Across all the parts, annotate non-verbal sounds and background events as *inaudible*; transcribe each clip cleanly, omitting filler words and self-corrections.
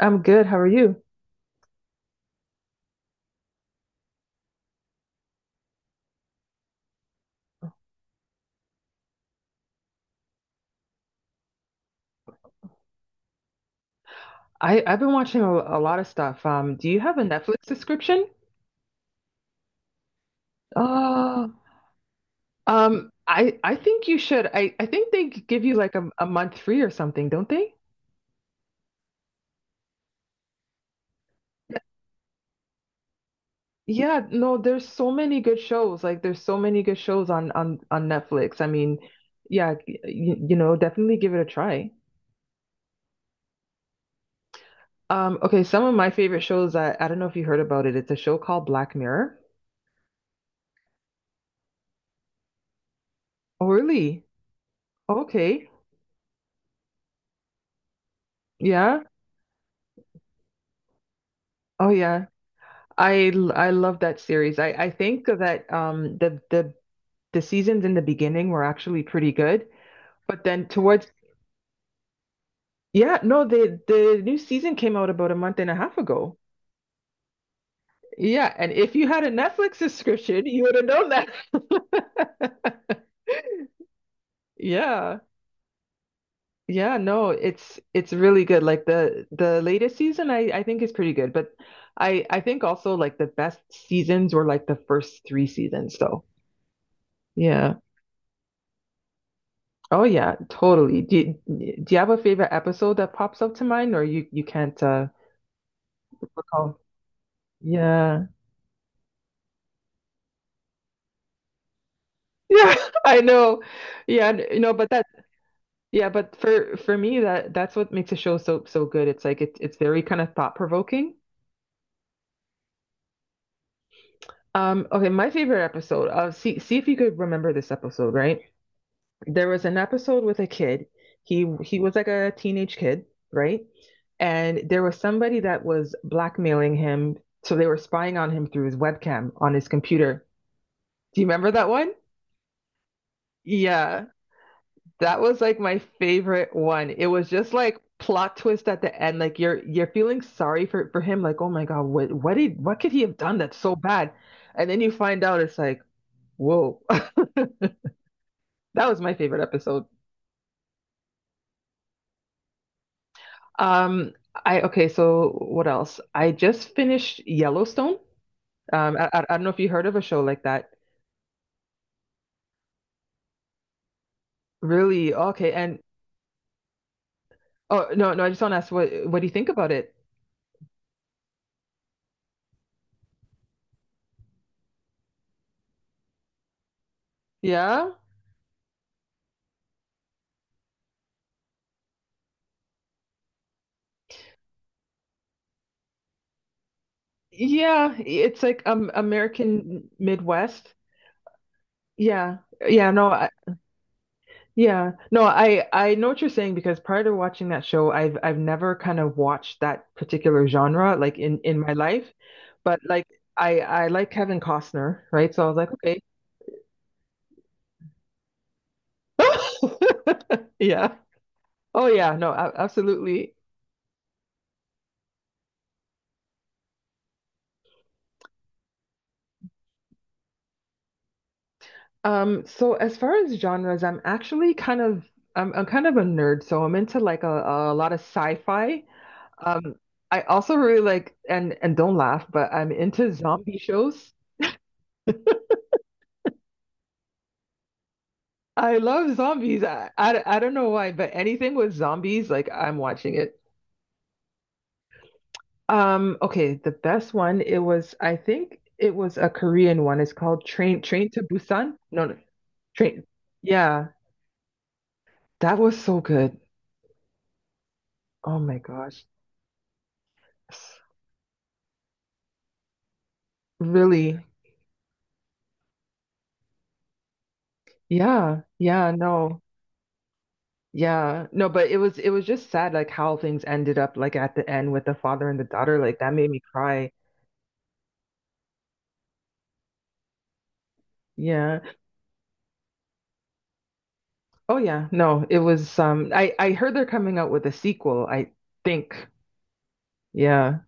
I'm good. How are you? I've been watching a lot of stuff. Do you have a Netflix subscription? Uh, I think you should. I think they give you like a month free or something, don't they? Yeah, no, there's so many good shows. Like there's so many good shows on Netflix. Definitely give it a try. Okay, some of my favorite shows that I don't know if you heard about it. It's a show called Black Mirror. Oh, really? Okay. Yeah. Oh, yeah. I love that series. I think that the seasons in the beginning were actually pretty good, but then towards Yeah, no, the new season came out about a month and a half ago. Yeah, and if you had a Netflix subscription, you would have known that. *laughs* Yeah. Yeah, no, it's really good. Like the latest season I think is pretty good, but I think also like the best seasons were like the first three seasons though. Yeah. Oh yeah, totally. Do you have a favorite episode that pops up to mind or you can't recall? Yeah. Yeah, *laughs* I know. Yeah, n- no, but that Yeah, but for me that's what makes a show so good. It's it's very kind of thought provoking. Okay, my favorite episode. See if you could remember this episode, right? There was an episode with a kid. He was like a teenage kid, right? And there was somebody that was blackmailing him, so they were spying on him through his webcam on his computer. Do you remember that one? Yeah. That was like my favorite one. It was just like plot twist at the end. Like you're feeling sorry for him. Like oh my God, what could he have done that's so bad? And then you find out it's like whoa. *laughs* That was my favorite episode. Um, I Okay. So what else? I just finished Yellowstone. I don't know if you heard of a show like that. Really? Okay. And Oh no no, I just want to ask what do you think about it? Yeah. Yeah, it's like American Midwest. Yeah. Yeah, no, I, yeah. No, I know what you're saying because prior to watching that show, I've never kind of watched that particular genre like in my life. But like I like Kevin Costner, right? So I was like, okay. *laughs* Yeah. Oh yeah, no, absolutely. So as far as genres, I'm kind of a nerd, so I'm into like a lot of sci-fi. Um, I also really like and don't laugh, but I'm into zombie shows. I love zombies. I don't know why, but anything with zombies, like I'm watching it. Okay, the best one, it was, I think it was a Korean one. It's called Train to Busan. No, no, Train. Yeah, that was so good. Oh my gosh. Really? Yeah. Yeah, no. Yeah. No, but it was just sad like how things ended up like at the end with the father and the daughter. Like that made me cry. Yeah. Oh yeah, no, it was I heard they're coming out with a sequel, I think. Yeah.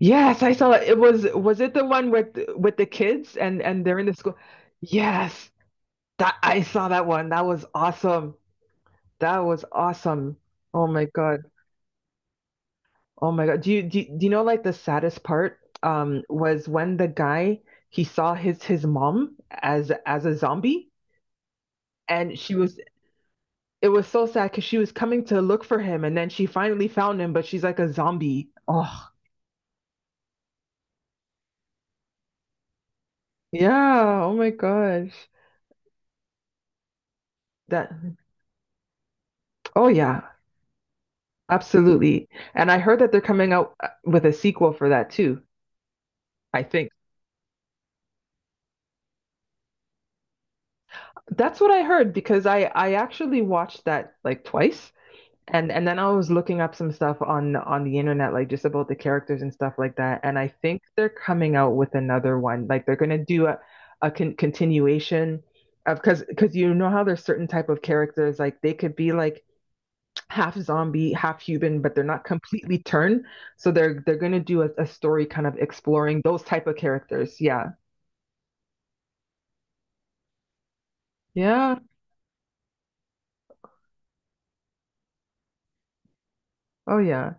Yes, I saw it. Was it the one with the kids and they're in the school? Yes. That I saw that one. That was awesome. That was awesome. Oh my God. Oh my God. Do you know like the saddest part was when the guy he saw his mom as a zombie and she was it was so sad because she was coming to look for him and then she finally found him, but she's like a zombie. Oh, yeah. Oh my gosh. That, oh yeah, absolutely. And I heard that they're coming out with a sequel for that too, I think. That's what I heard because I actually watched that like twice. And then I was looking up some stuff on the internet, like just about the characters and stuff like that. And I think they're coming out with another one. Like they're gonna do a continuation of because you know how there's certain type of characters like they could be like half zombie, half human, but they're not completely turned. So they're gonna do a story kind of exploring those type of characters. Yeah. Yeah. Oh yeah.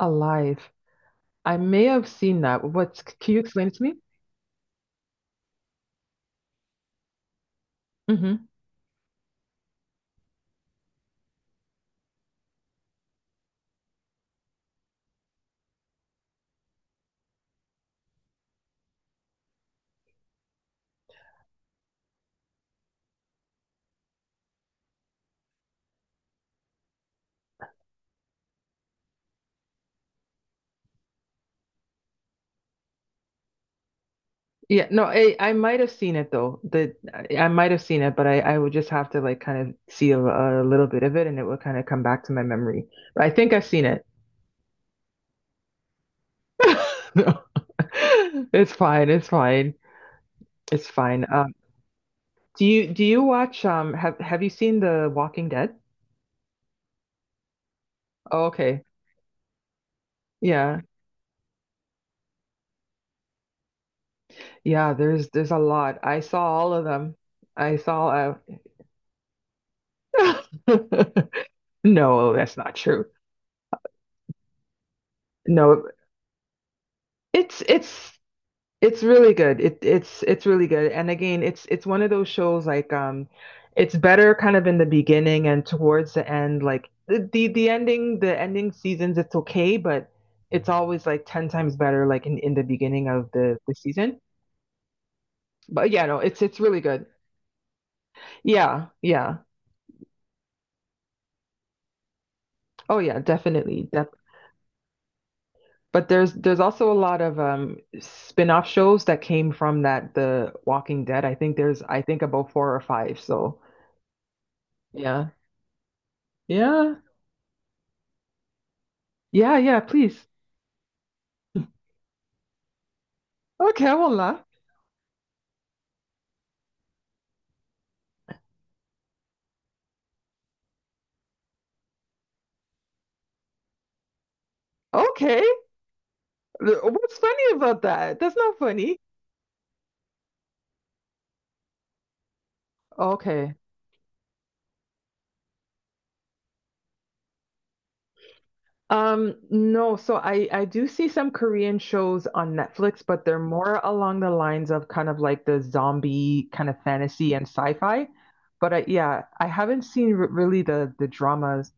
Alive. I may have seen that. What's can you explain it to me? Yeah, no, I might have seen it though. The I might have seen it, but I would just have to like kind of see a little bit of it, and it will kind of come back to my memory. But I think I've seen it. *laughs* No, *laughs* it's fine. It's fine. It's fine. Do you watch have you seen The Walking Dead? Oh, okay. Yeah, yeah. There's a lot. I saw all of them. I saw. Uh... *laughs* No, that's not true. No, it's it's really good. It's it's really good. And again, it's one of those shows like it's better kind of in the beginning and towards the end like the ending seasons it's okay, but it's always like 10 times better like in the beginning of the season. But yeah, no, it's really good. Yeah, yeah. Oh yeah, definitely. Def But there's also a lot of spin-off shows that came from that The Walking Dead. I think about four or five. So, yeah. Yeah. Yeah, yeah, please. Okay, I Okay. What's funny about that? That's not funny. Okay. No, so I do see some Korean shows on Netflix, but they're more along the lines of kind of like the zombie kind of fantasy and sci-fi. But I, yeah, I haven't seen r really the dramas.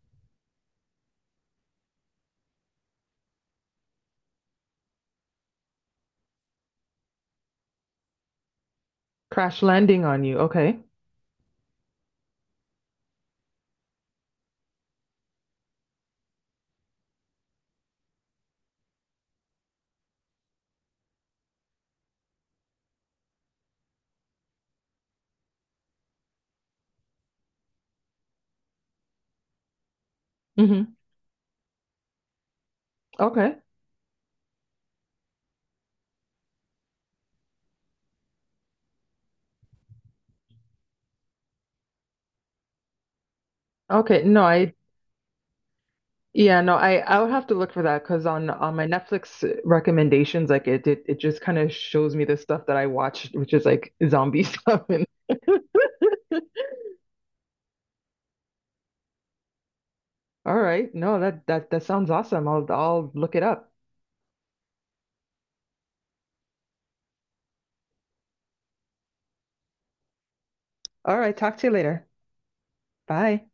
Crash Landing on You. Okay. Mm-hmm. Okay. Okay. No, I Yeah, no, I would have to look for that because on my Netflix recommendations, like it just kind of shows me the stuff that I watched, which is like zombie *laughs* stuff. And All right, no, that sounds awesome. I'll look it up. All right, talk to you later. Bye.